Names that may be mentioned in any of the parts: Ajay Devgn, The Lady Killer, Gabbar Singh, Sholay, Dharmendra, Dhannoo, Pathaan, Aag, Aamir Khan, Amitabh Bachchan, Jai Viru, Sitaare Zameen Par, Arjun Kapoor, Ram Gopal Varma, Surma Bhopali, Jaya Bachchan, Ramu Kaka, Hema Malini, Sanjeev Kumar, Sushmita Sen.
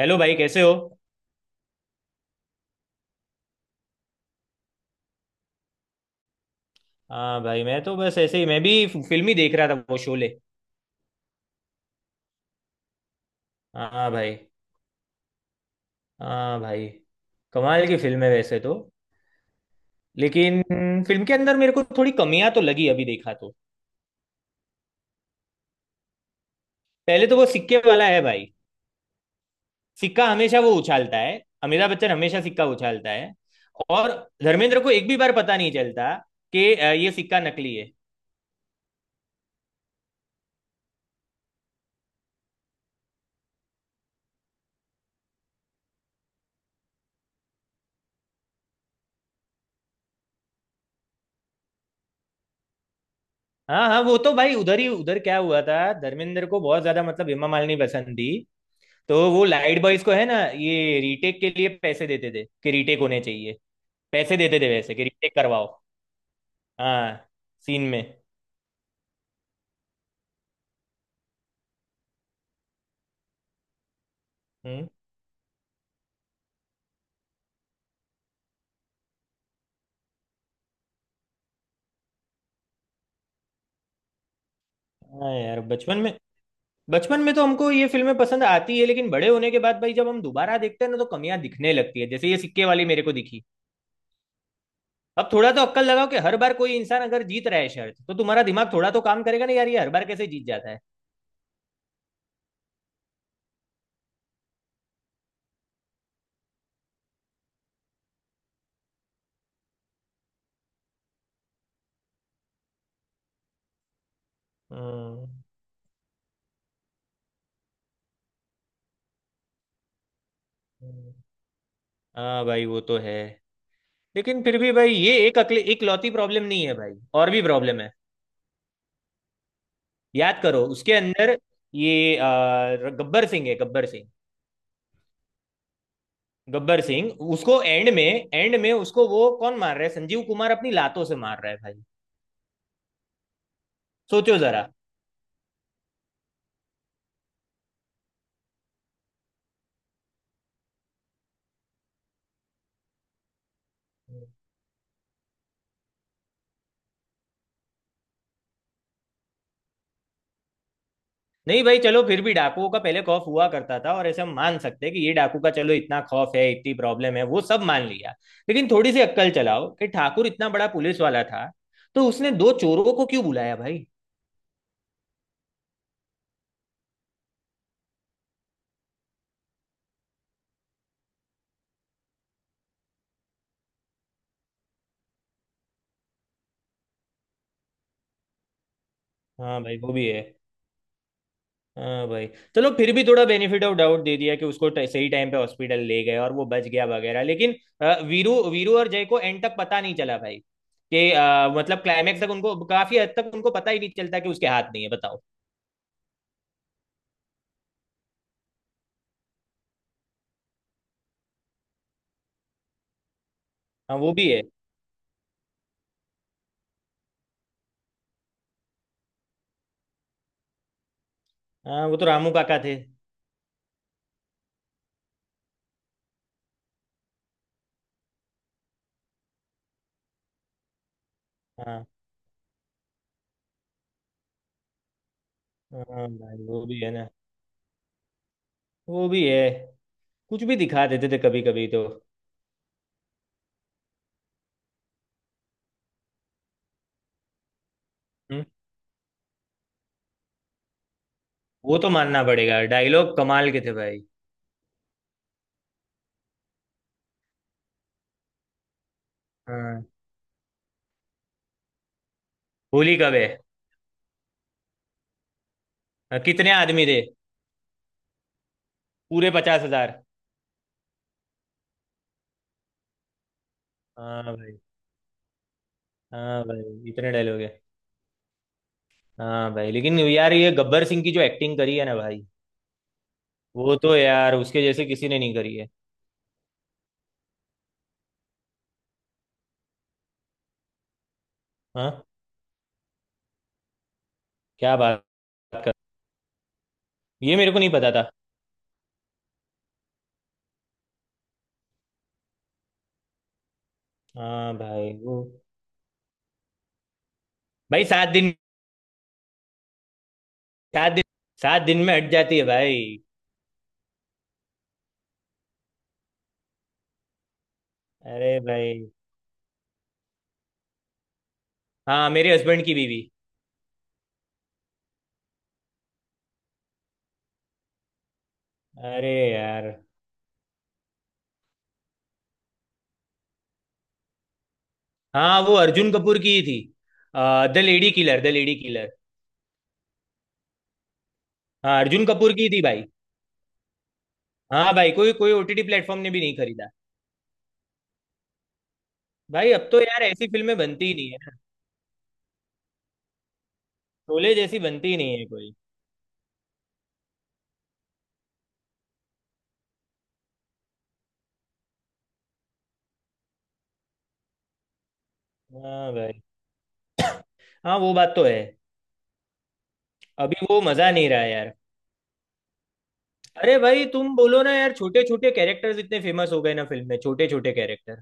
Hello भाई, कैसे हो। हाँ भाई, मैं तो बस ऐसे ही, मैं भी फिल्म ही देख रहा था, वो शोले। हाँ भाई। हाँ भाई, कमाल की फिल्म है वैसे तो। लेकिन फिल्म के अंदर मेरे को थोड़ी कमियां तो लगी अभी देखा तो। पहले तो वो सिक्के वाला है भाई। सिक्का हमेशा वो उछालता है, अमिताभ बच्चन हमेशा सिक्का उछालता है। और धर्मेंद्र को एक भी बार पता नहीं चलता कि ये सिक्का नकली है। हाँ हाँ, वो तो भाई उधर ही उधर क्या हुआ था। धर्मेंद्र को बहुत ज्यादा, मतलब हेमा मालिनी पसंद थी, तो वो लाइट बॉयज को है ना, ये रीटेक के लिए पैसे देते थे कि रीटेक होने चाहिए। पैसे देते थे वैसे कि रीटेक करवाओ। हाँ, सीन में। हम्म। हाँ यार, बचपन में, बचपन में तो हमको ये फिल्में पसंद आती है, लेकिन बड़े होने के बाद भाई जब हम दोबारा देखते हैं ना तो कमियां दिखने लगती है, जैसे ये सिक्के वाली मेरे को दिखी। अब थोड़ा तो अक्कल लगाओ कि हर बार कोई इंसान अगर जीत रहा है शर्त तो तुम्हारा दिमाग थोड़ा तो काम करेगा ना यार, ये हर बार कैसे जीत जाता है। हम्म हम्म। हाँ भाई, वो तो है। लेकिन फिर भी भाई ये एक अकले एक लौती प्रॉब्लम नहीं है भाई, और भी प्रॉब्लम है। याद करो उसके अंदर। ये गब्बर सिंह है, गब्बर सिंह। गब्बर सिंह उसको एंड में, एंड में उसको वो कौन मार रहा है, संजीव कुमार अपनी लातों से मार रहा है भाई। सोचो जरा। नहीं भाई, चलो फिर भी डाकुओं का पहले खौफ हुआ करता था और ऐसे हम मान सकते हैं कि ये डाकू का चलो इतना खौफ है, इतनी प्रॉब्लम है, वो सब मान लिया। लेकिन थोड़ी सी अक्कल चलाओ कि ठाकुर इतना बड़ा पुलिस वाला था, तो उसने दो चोरों को क्यों बुलाया भाई। हाँ भाई, वो भी है। हाँ भाई, चलो फिर भी थोड़ा बेनिफिट ऑफ डाउट दे दिया कि उसको सही टाइम पे हॉस्पिटल ले गए और वो बच गया वगैरह, लेकिन वीरू वीरू और जय को एंड तक पता नहीं चला भाई कि मतलब क्लाइमैक्स तक उनको, काफी हद तक उनको पता ही नहीं चलता कि उसके हाथ नहीं है, बताओ। हाँ, वो भी है। हाँ, वो तो रामू काका थे। हाँ। हाँ भाई, वो भी है ना। वो भी है। कुछ भी दिखा देते थे कभी कभी तो। हम्म, वो तो मानना पड़ेगा, डायलॉग कमाल के थे भाई। हाँ, होली कब है। कितने आदमी थे। पूरे 50,000। हाँ भाई। हाँ भाई, इतने डायलॉग है। हाँ भाई, लेकिन यार ये गब्बर सिंह की जो एक्टिंग करी है ना भाई, वो तो यार उसके जैसे किसी ने नहीं करी है। हाँ। क्या बात कर। ये मेरे को नहीं पता था। हाँ भाई। वो भाई, 7 दिन। 7 दिन। सात दिन में हट जाती है भाई। अरे भाई। हाँ, मेरे हस्बैंड की बीवी। अरे यार। हाँ, वो अर्जुन कपूर की ही थी। The lady killer, the lady killer. हाँ, अर्जुन कपूर की ही थी भाई। हाँ भाई, कोई कोई ओटीटी प्लेटफॉर्म ने भी नहीं खरीदा। भाई अब तो यार ऐसी फिल्में बनती ही नहीं है। शोले जैसी बनती नहीं है कोई। हाँ भाई। हाँ, वो बात तो है। अभी वो मजा नहीं रहा यार। अरे भाई तुम बोलो ना यार, छोटे छोटे कैरेक्टर्स इतने फेमस हो गए ना फिल्म में, छोटे छोटे कैरेक्टर।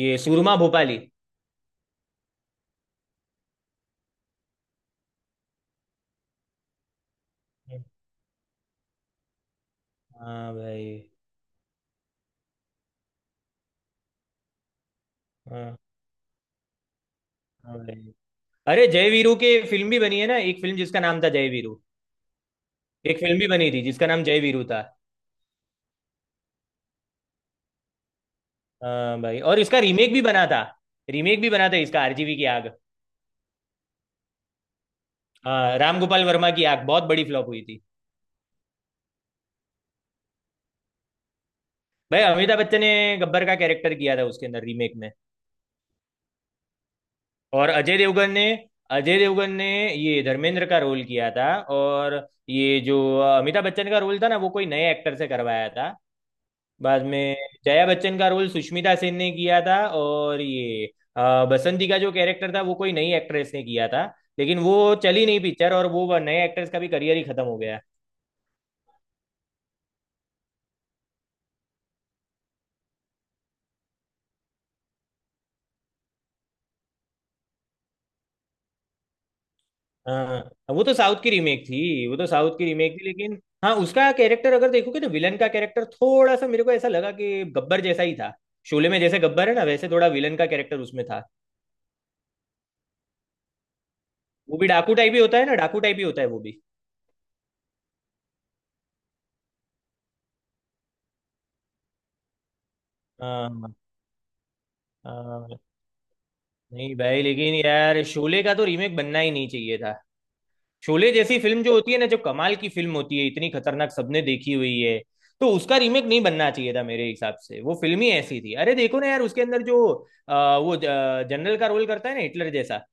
ये सुरमा भोपाली। हाँ भाई। हाँ। हाँ भाई। अरे, जय वीरू की फिल्म भी बनी है ना, एक फिल्म जिसका नाम था जय वीरू। एक फिल्म भी बनी थी जिसका नाम जय वीरू था। हाँ भाई, और इसका रीमेक भी बना था। रीमेक भी बना था इसका, आरजीवी की आग। हाँ, राम गोपाल वर्मा की आग बहुत बड़ी फ्लॉप हुई थी। भाई अमिताभ बच्चन ने गब्बर का कैरेक्टर किया था उसके अंदर, रीमेक में। और अजय देवगन ने, अजय देवगन ने ये धर्मेंद्र का रोल किया था। और ये जो अमिताभ बच्चन का रोल था ना, वो कोई नए एक्टर से करवाया था बाद में। जया बच्चन का रोल सुष्मिता सेन ने किया था, और ये बसंती का जो कैरेक्टर था वो कोई नई एक्ट्रेस ने किया था, लेकिन वो चली नहीं पिक्चर, और वो नए एक्ट्रेस का भी करियर ही खत्म हो गया। हाँ, वो तो साउथ की रीमेक थी, वो तो साउथ की रीमेक थी, लेकिन हाँ, उसका कैरेक्टर अगर देखोगे तो विलन का कैरेक्टर थोड़ा सा मेरे को ऐसा लगा कि गब्बर जैसा ही था। शोले में जैसे गब्बर है ना, वैसे थोड़ा विलन का कैरेक्टर उसमें था। वो भी डाकू टाइप ही होता है ना, डाकू टाइप ही होता है वो भी। हाँ हाँ। नहीं भाई, लेकिन यार शोले का तो रीमेक बनना ही नहीं चाहिए था। शोले जैसी फिल्म जो होती है ना, जो कमाल की फिल्म होती है, इतनी खतरनाक, सबने देखी हुई है, तो उसका रीमेक नहीं बनना चाहिए था मेरे हिसाब से। वो फिल्म ही ऐसी थी। अरे देखो ना यार, उसके अंदर जो वो जनरल का रोल करता है ना, हिटलर जैसा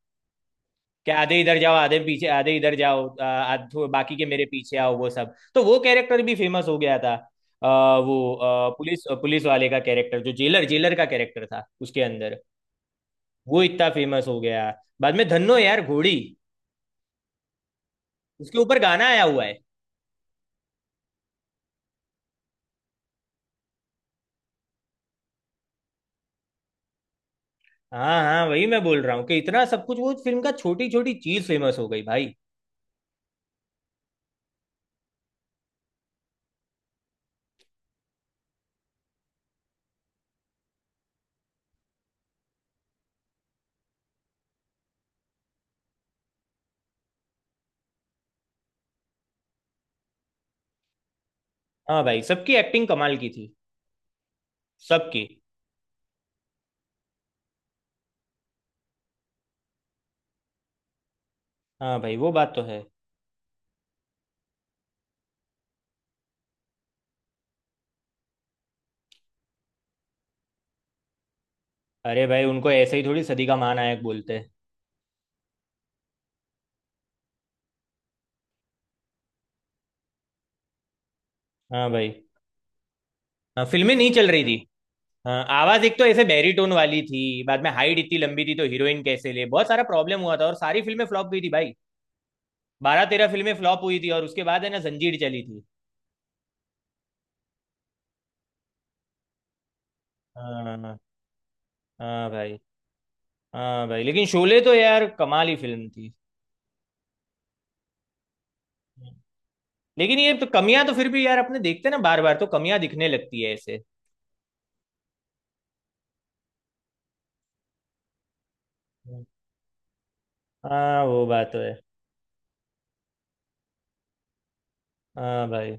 कि आधे इधर जाओ, आधे पीछे, आधे इधर जाओ, बाकी के मेरे पीछे आओ, वो सब तो, वो कैरेक्टर भी फेमस हो गया था। वो पुलिस पुलिस वाले का कैरेक्टर, जो जेलर जेलर का कैरेक्टर था उसके अंदर, वो इतना फेमस हो गया। बाद में धन्नो यार, घोड़ी, उसके ऊपर गाना आया हुआ है। हाँ हाँ, वही मैं बोल रहा हूँ कि इतना सब कुछ, वो फिल्म का छोटी छोटी चीज फेमस हो गई भाई। हाँ भाई, सबकी एक्टिंग कमाल की थी। सबकी। हाँ भाई, वो बात तो है। अरे भाई, उनको ऐसे ही थोड़ी सदी का महानायक बोलते हैं। हाँ भाई। हाँ, फिल्में नहीं चल रही थी। हाँ, आवाज एक तो ऐसे बैरीटोन वाली थी। बाद में हाइट इतनी लंबी थी तो हीरोइन कैसे ले, बहुत सारा प्रॉब्लम हुआ था और सारी फिल्में फ्लॉप हुई थी भाई। 12-13 फिल्में फ्लॉप हुई थी, और उसके बाद है ना जंजीर चली थी। हाँ हाँ। हाँ भाई। हाँ भाई, लेकिन शोले तो यार कमाल ही फिल्म थी। लेकिन ये तो कमियां तो फिर भी यार अपने देखते हैं ना बार बार तो कमियां दिखने लगती है ऐसे। हाँ, वो बात तो है। हाँ भाई।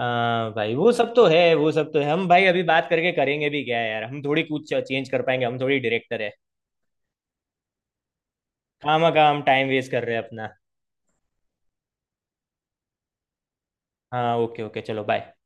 हाँ भाई, वो सब तो है, वो सब तो है। हम भाई अभी बात करके करेंगे भी क्या यार, हम थोड़ी कुछ चेंज कर पाएंगे, हम थोड़ी डायरेक्टर है। काम, काम, टाइम वेस्ट कर रहे हैं अपना। हाँ ओके ओके, चलो बाय।